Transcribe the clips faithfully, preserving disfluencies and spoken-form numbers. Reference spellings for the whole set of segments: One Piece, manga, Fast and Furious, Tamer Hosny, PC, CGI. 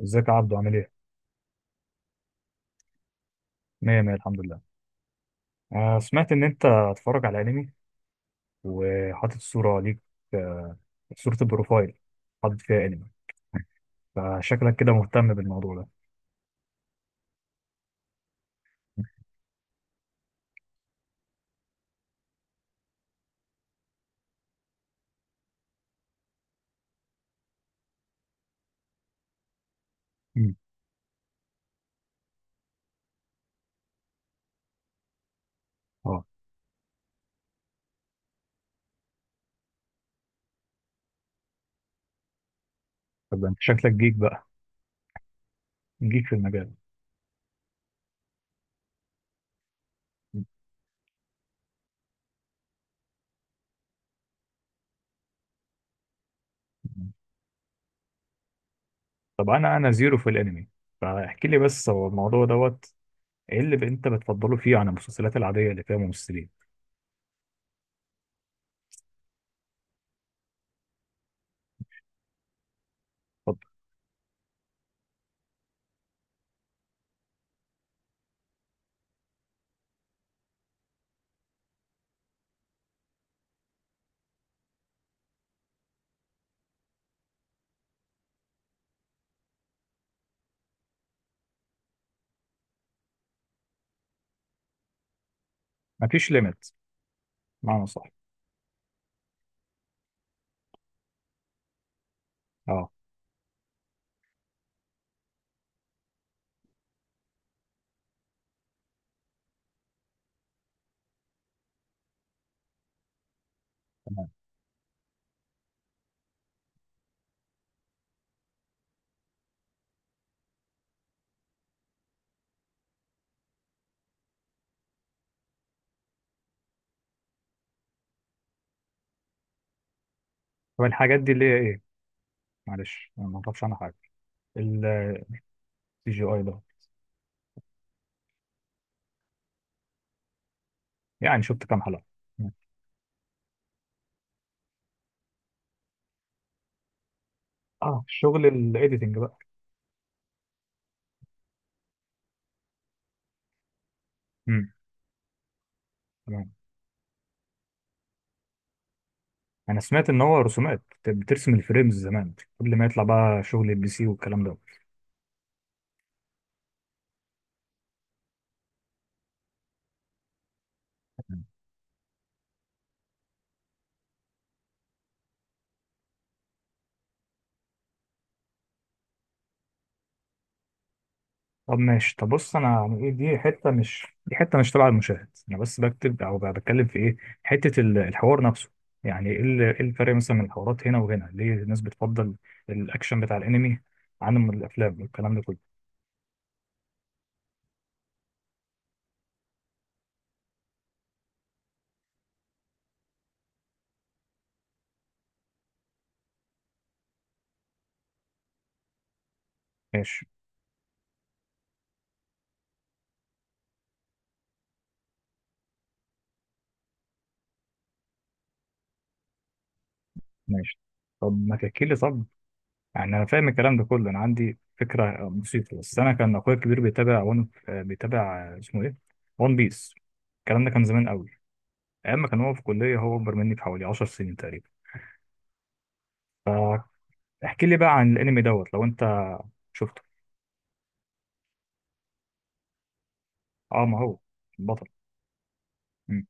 ازيك يا عبدو، عامل ايه؟ مية مية، الحمد لله. آه، سمعت إن أنت هتتفرج على أنمي وحاطط صورة ليك. آه، صورة البروفايل حاطط فيها أنمي. فشكلك كده مهتم بالموضوع ده. مم. اه. طب أنت شكلك جيك بقى، جيك في المجال. مم. طب أنا أنا زيرو في الأنمي، فاحكي لي بس هو الموضوع دوت إيه اللي ب- أنت بتفضله فيه عن المسلسلات العادية اللي فيها ممثلين؟ اتفضل. مفيش ليميت، معنى صح. اه، تمام. طب الحاجات دي اللي هي إيه؟ معلش أنا ما أعرفش عنها حاجة. السي جي اي ده؟ يعني شفت كام حلقة؟ اه، شغل الايديتنج بقى. امم، تمام. انا سمعت ان هو رسومات بترسم الفريمز زمان، قبل ما يطلع بقى شغل البي سي والكلام ده. طب ماشي، طب بص انا. يعني ايه دي حته مش دي حته مش تبع المشاهد، انا بس بكتب او بقى بتكلم في ايه، حته ال- الحوار نفسه. يعني ايه ال- إيه الفرق مثلا من الحوارات هنا وهنا، ليه الناس بتفضل الاكشن بتاع الانمي عن الافلام والكلام ده كله؟ ماشي، ماشي. طب ما تحكي لي، طب. يعني انا فاهم الكلام ده كله، انا عندي فكره بسيطه، بس انا كان اخويا الكبير بيتابع ون آه، بيتابع اسمه ايه، ون بيس. الكلام ده كان زمان قوي، ايام ما كان هو في كليه. هو اكبر مني بحوالي 10 سنين تقريبا. فاحكي لي بقى عن الانمي دوت لو انت شفته. اه، ما هو البطل. مم.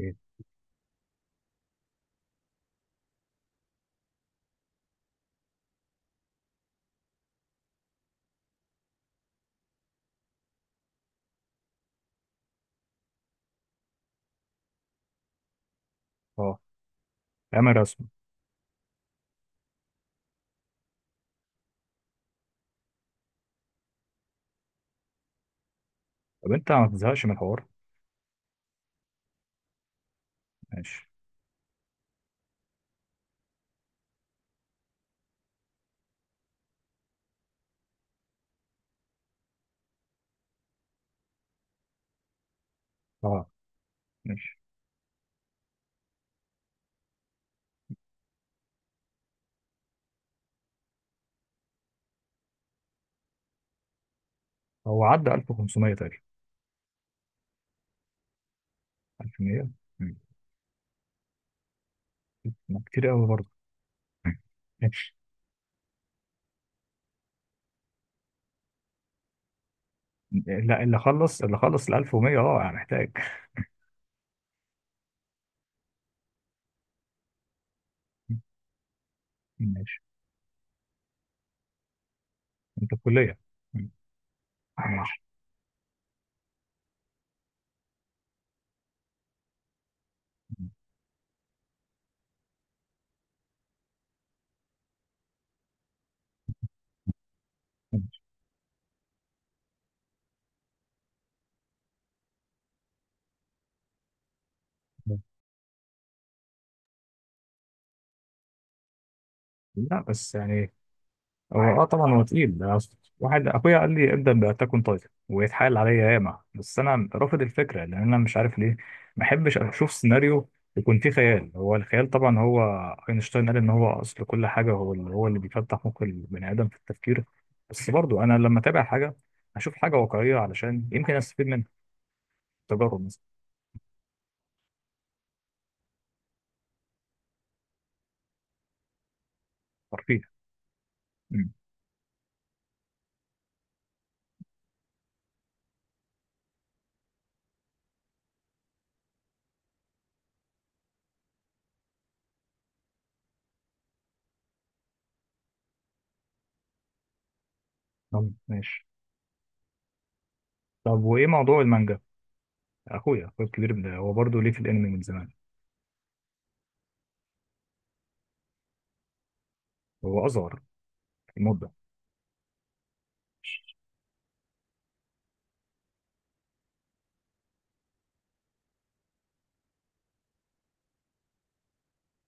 إيه؟ اه، ايام الرسم. طب انت ما تزهقش من الحوار؟ ماشي. اه، ماشي. هو عدى ألف وخمسمية تقريبا؟ ألف ومية. مم. ما كتير قوي برضه. مم. ماشي. لا، اللي خلص اللي خلص ال ألف ومية، اه يعني محتاج. ماشي. انت في كليه. ماشي. ماشي. مم. لا بس يعني. هو اه طبعا هو تقيل ده، أصل واحد اخويا قال لي ابدا باتاك اون تايتن ويتحايل عليا ياما، بس انا رافض الفكره لان انا مش عارف ليه. ما احبش اشوف سيناريو يكون فيه خيال. هو الخيال طبعا، هو اينشتاين قال ان هو اصل كل حاجه، هو اللي هو اللي بيفتح مخ البني ادم في التفكير. بس برضو انا لما اتابع حاجه اشوف حاجه واقعيه علشان يمكن استفيد منها، تجارب مثلا. ترفيه. مم. طب ماشي. طب وايه موضوع المانجا؟ اخويا اخويا الكبير من- هو برضه ليه في الانمي من زمان. هو اصغر في المده.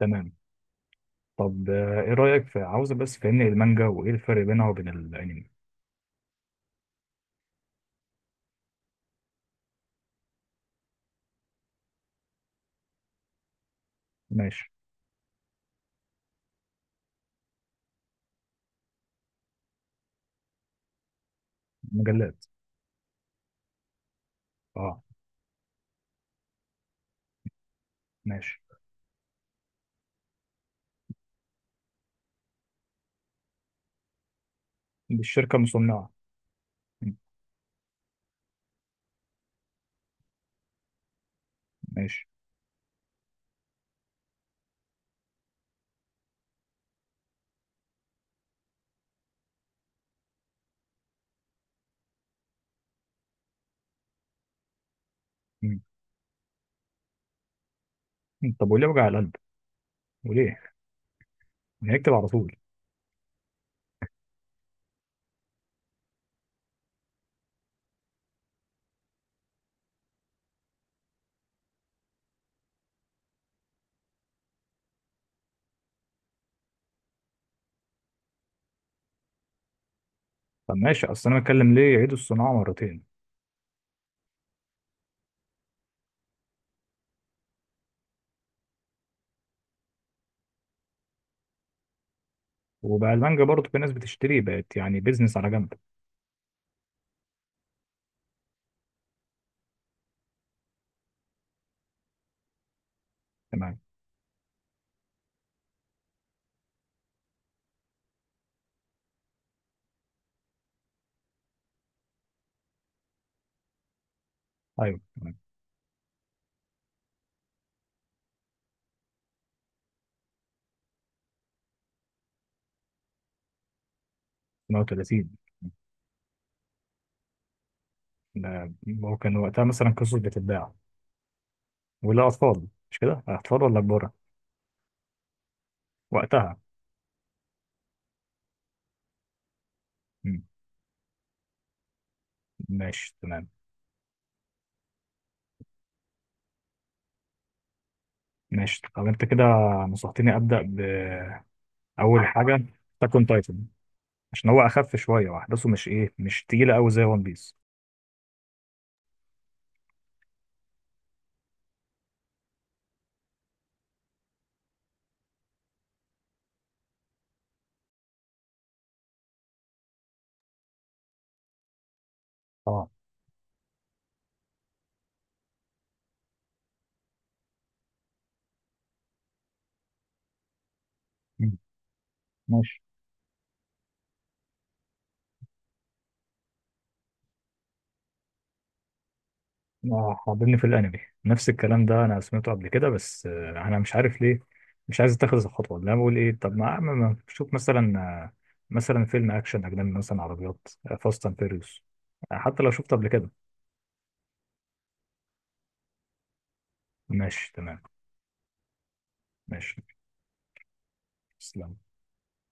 تمام. طب آه، ايه رايك، في عاوزه بس فهمني المانجا وايه الفرق بينها وبين الانمي. ماشي. مجلات. اه، ماشي. دي الشركه المصنعه. م، ماشي. م. طب وليه وجع القلب، وليه هيكتب على طول؟ طب ماشي، اصل انا بتكلم ليه يعيدوا الصناعه مرتين، وبقى المانجا برضه في ناس بتشتري، بقت يعني بيزنس على جنب. تمام. ايوه، تمام. تمانية وتلاتين. ده هو كان وقتها مثلا قصص بتتباع ولا أطفال، مش كده، أطفال ولا كبار؟ وقتها. مم. ماشي، تمام. ماشي، طب أنت كده نصحتني أبدأ بأول حاجة تاكون تايتن عشان هو أخف شوية وأحداثه مش إيه مش تقيلة أوي زي ون بيس. أه. مم. ماشي. آه، حاضرني في الأنمي. نفس الكلام ده أنا سمعته قبل كده، بس آه، أنا مش عارف ليه مش عايز أتخذ الخطوة. اللي أنا بقول إيه، طب ما ما- ما- شوف مثلا، آه، مثلا فيلم أكشن أجنبي، مثلا عربيات، فاست أند فيريوس، حتى لو شفته قبل كده. ماشي، تمام. ماشي. تسلم.